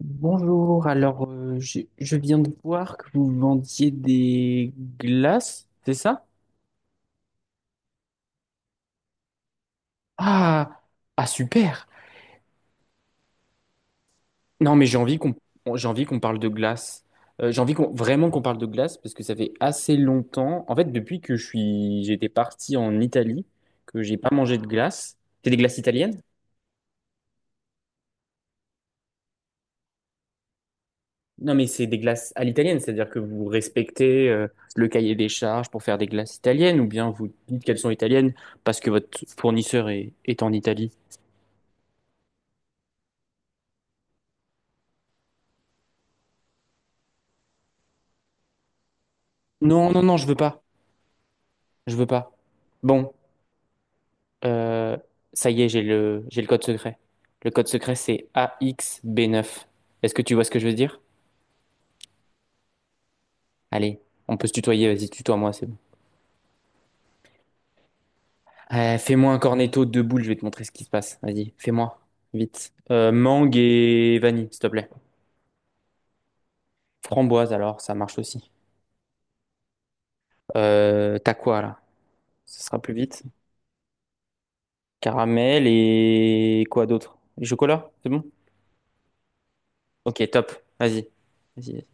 Bonjour. Alors je viens de voir que vous vendiez des glaces, c'est ça? Ah, ah super. Non mais j'ai envie qu'on J'ai envie qu'on parle de glace. J'ai envie qu'on vraiment qu'on parle de glace parce que ça fait assez longtemps. En fait, depuis que je suis j'étais parti en Italie, que j'ai pas mangé de glace. C'est des glaces italiennes? Non mais c'est des glaces à l'italienne, c'est-à-dire que vous respectez le cahier des charges pour faire des glaces italiennes, ou bien vous dites qu'elles sont italiennes parce que votre fournisseur est en Italie. Non, non, non, je veux pas. Je veux pas. Bon, euh, ça y est, j'ai le code secret. Le code secret, c'est a x b neuf. Est-ce que tu vois ce que je veux dire? Allez, on peut se tutoyer, vas-y, tutoie-moi, c'est bon. Fais-moi un cornetto de boules, je vais te montrer ce qui se passe. Vas-y, fais-moi, vite. Mangue et vanille, s'il te plaît. Framboise, alors, ça marche aussi. T'as quoi, là? Ce sera plus vite. Caramel et quoi d'autre? Chocolat, c'est bon? Ok, top, vas-y. Vas-y,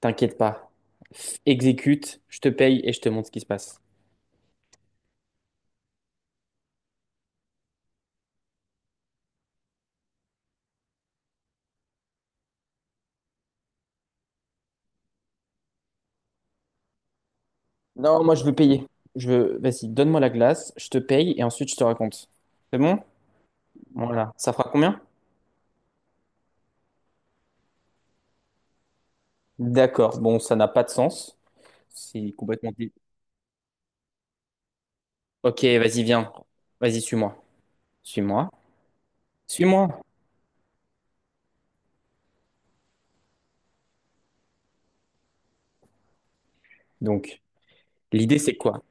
t'inquiète pas. Exécute, je te paye et je te montre ce qui se passe. Non, moi je veux payer. Je veux... Vas-y, donne-moi la glace, je te paye et ensuite je te raconte. C'est bon? Voilà. Ça fera combien? D'accord. Bon, ça n'a pas de sens. C'est complètement... Ok, vas-y, viens. Vas-y, suis-moi. Suis-moi. Suis-moi. Donc, l'idée c'est quoi?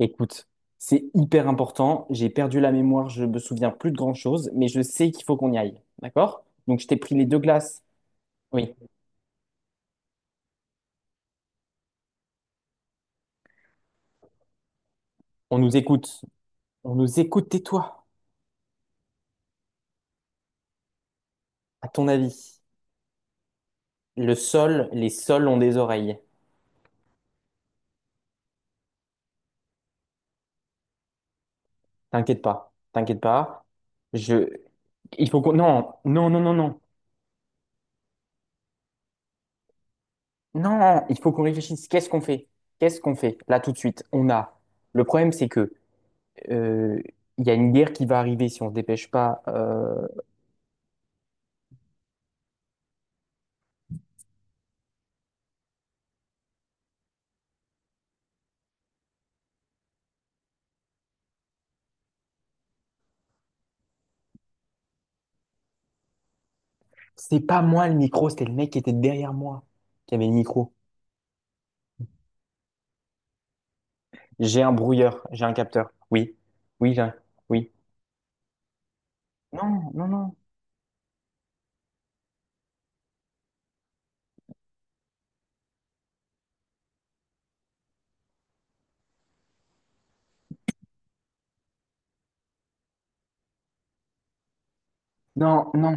Écoute, c'est hyper important. J'ai perdu la mémoire, je me souviens plus de grand-chose, mais je sais qu'il faut qu'on y aille. D'accord? Donc, je t'ai pris les deux glaces. Oui, on nous écoute. On nous écoute, tais-toi. À ton avis, les sols ont des oreilles. T'inquiète pas, t'inquiète pas. Je, il faut qu'on, non, non, non, non, non, non. Il faut qu'on réfléchisse. Qu'est-ce qu'on fait? Qu'est-ce qu'on fait là tout de suite? On a. Le problème, c'est que euh, il y a une guerre qui va arriver si on se dépêche pas. C'est pas moi le micro, c'était le mec qui était derrière moi qui avait le micro. J'ai un brouilleur, j'ai un capteur. Oui, oui, oui. Non, non, non, non, non.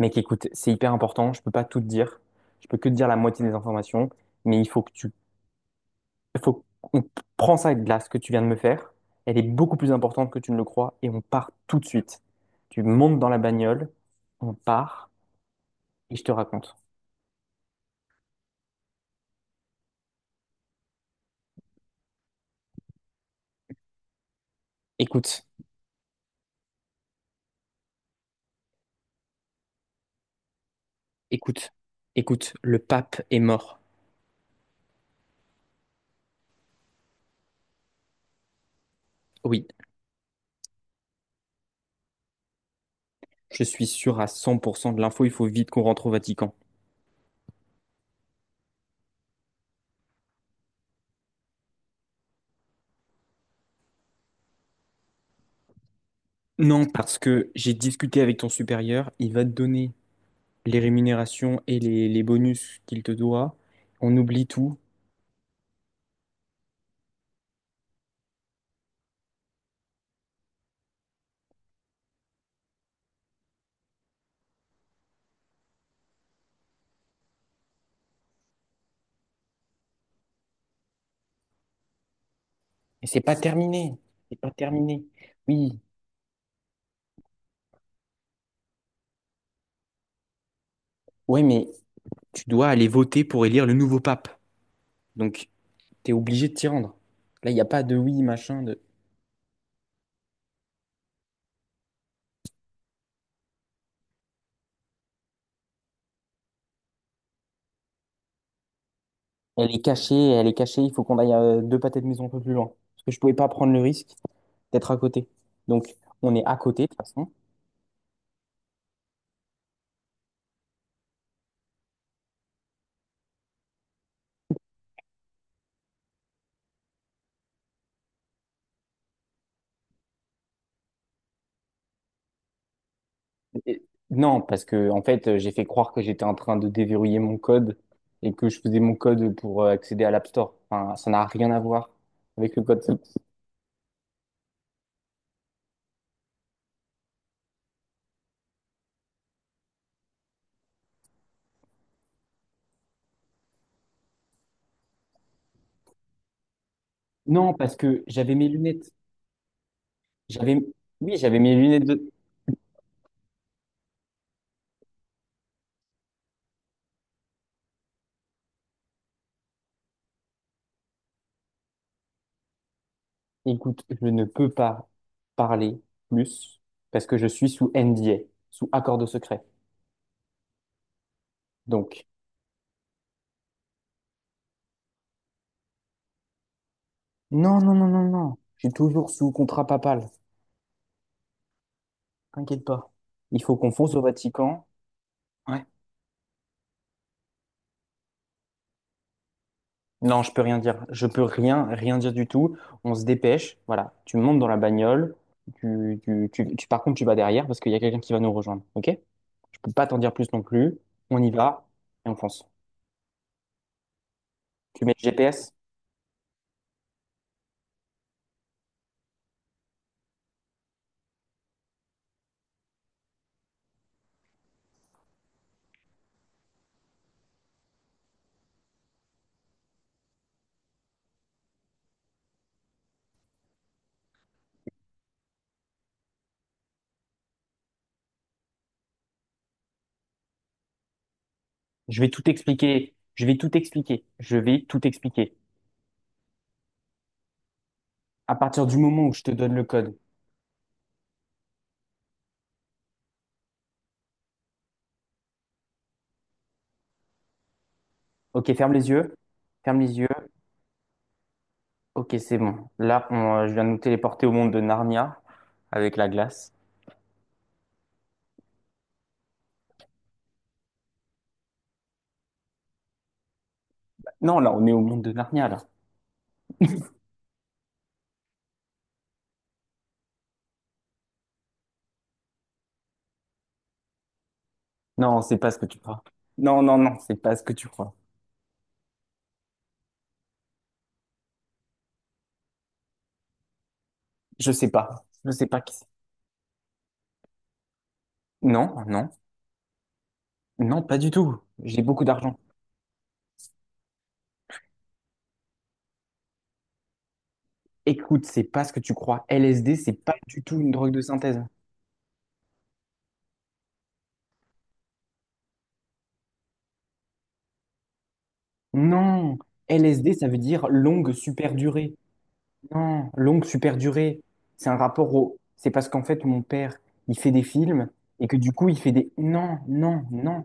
Mec, écoute, c'est hyper important. Je peux pas tout te dire. Je peux que te dire la moitié des informations. Mais il faut que tu, il faut qu'on prend ça avec glace que tu viens de me faire. Elle est beaucoup plus importante que tu ne le crois et on part tout de suite. Tu montes dans la bagnole, on part et je te raconte. Écoute, écoute, écoute, le pape est mort. Oui, je suis sûr à 100% de l'info. Il faut vite qu'on rentre au Vatican. Non, parce que j'ai discuté avec ton supérieur. Il va te donner les rémunérations et les bonus qu'il te doit. On oublie tout. Et c'est pas terminé. C'est pas terminé. Oui, ouais, mais tu dois aller voter pour élire le nouveau pape. Donc, t'es obligé de t'y rendre. Là, il n'y a pas de oui, machin, de... elle est cachée, il faut qu'on aille deux pâtés de maison un peu plus loin. Parce que je pouvais pas prendre le risque d'être à côté. Donc, on est à côté, de toute façon. Et- Non, parce que en fait, j'ai fait croire que j'étais en train de déverrouiller mon code et que je faisais mon code pour accéder à l'App Store. Enfin, ça n'a rien à voir avec le code. Source. Non, parce que j'avais mes lunettes. J'avais, oui, j'avais mes lunettes de. Écoute, je ne peux pas parler plus parce que je suis sous NDA, sous accord de secret. Donc, non, non, non, non, non. Je suis toujours sous contrat papal. T'inquiète pas. Il faut qu'on fonce au Vatican. Ouais. Non, je peux rien dire. Je peux rien, rien dire du tout. On se dépêche. Voilà. Tu montes dans la bagnole. Par contre, tu vas derrière parce qu'il y a quelqu'un qui va nous rejoindre. OK? Je peux pas t'en dire plus non plus. On y va et on fonce. Tu mets le GPS. Je vais tout expliquer. Je vais tout expliquer. Je vais tout expliquer. À partir du moment où je te donne le code. OK, ferme les yeux. Ferme les yeux. OK, c'est bon. Là, on, je viens de nous téléporter au monde de Narnia avec la glace. Non, là, on est au monde de Narnia, là. Non, c'est pas ce que tu crois. Non, non, non, c'est pas ce que tu crois. Je sais pas. Je sais pas qui c'est. Non, non, non, pas du tout. J'ai beaucoup d'argent. Écoute, c'est pas ce que tu crois. LSD, c'est pas du tout une drogue de synthèse. Non, LSD, ça veut dire longue super durée. Non, longue super durée, c'est un rapport au. C'est parce qu'en fait, mon père, il fait des films et que du coup, il fait des. Non, non, non,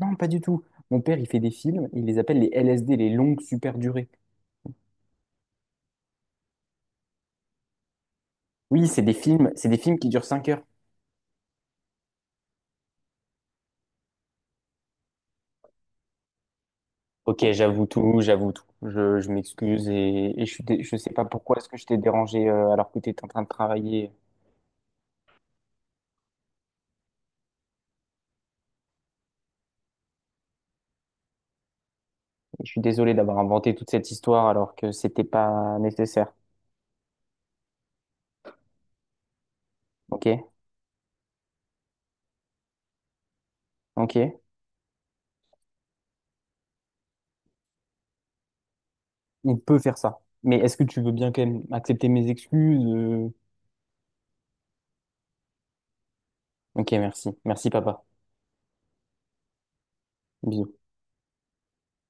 non, pas du tout. Mon père, il fait des films, il les appelle les LSD, les longues super durées. Oui, c'est des films qui durent 5 heures. Ok, j'avoue tout, j'avoue tout. Je m'excuse et je suis je sais pas pourquoi est-ce que je t'ai dérangé alors que tu étais en train de travailler. Je suis désolé d'avoir inventé toute cette histoire alors que c'était pas nécessaire. Ok, ok. Il peut faire ça. Mais est-ce que tu veux bien quand même accepter mes excuses? Euh. Ok, merci. Merci, papa. Bisous.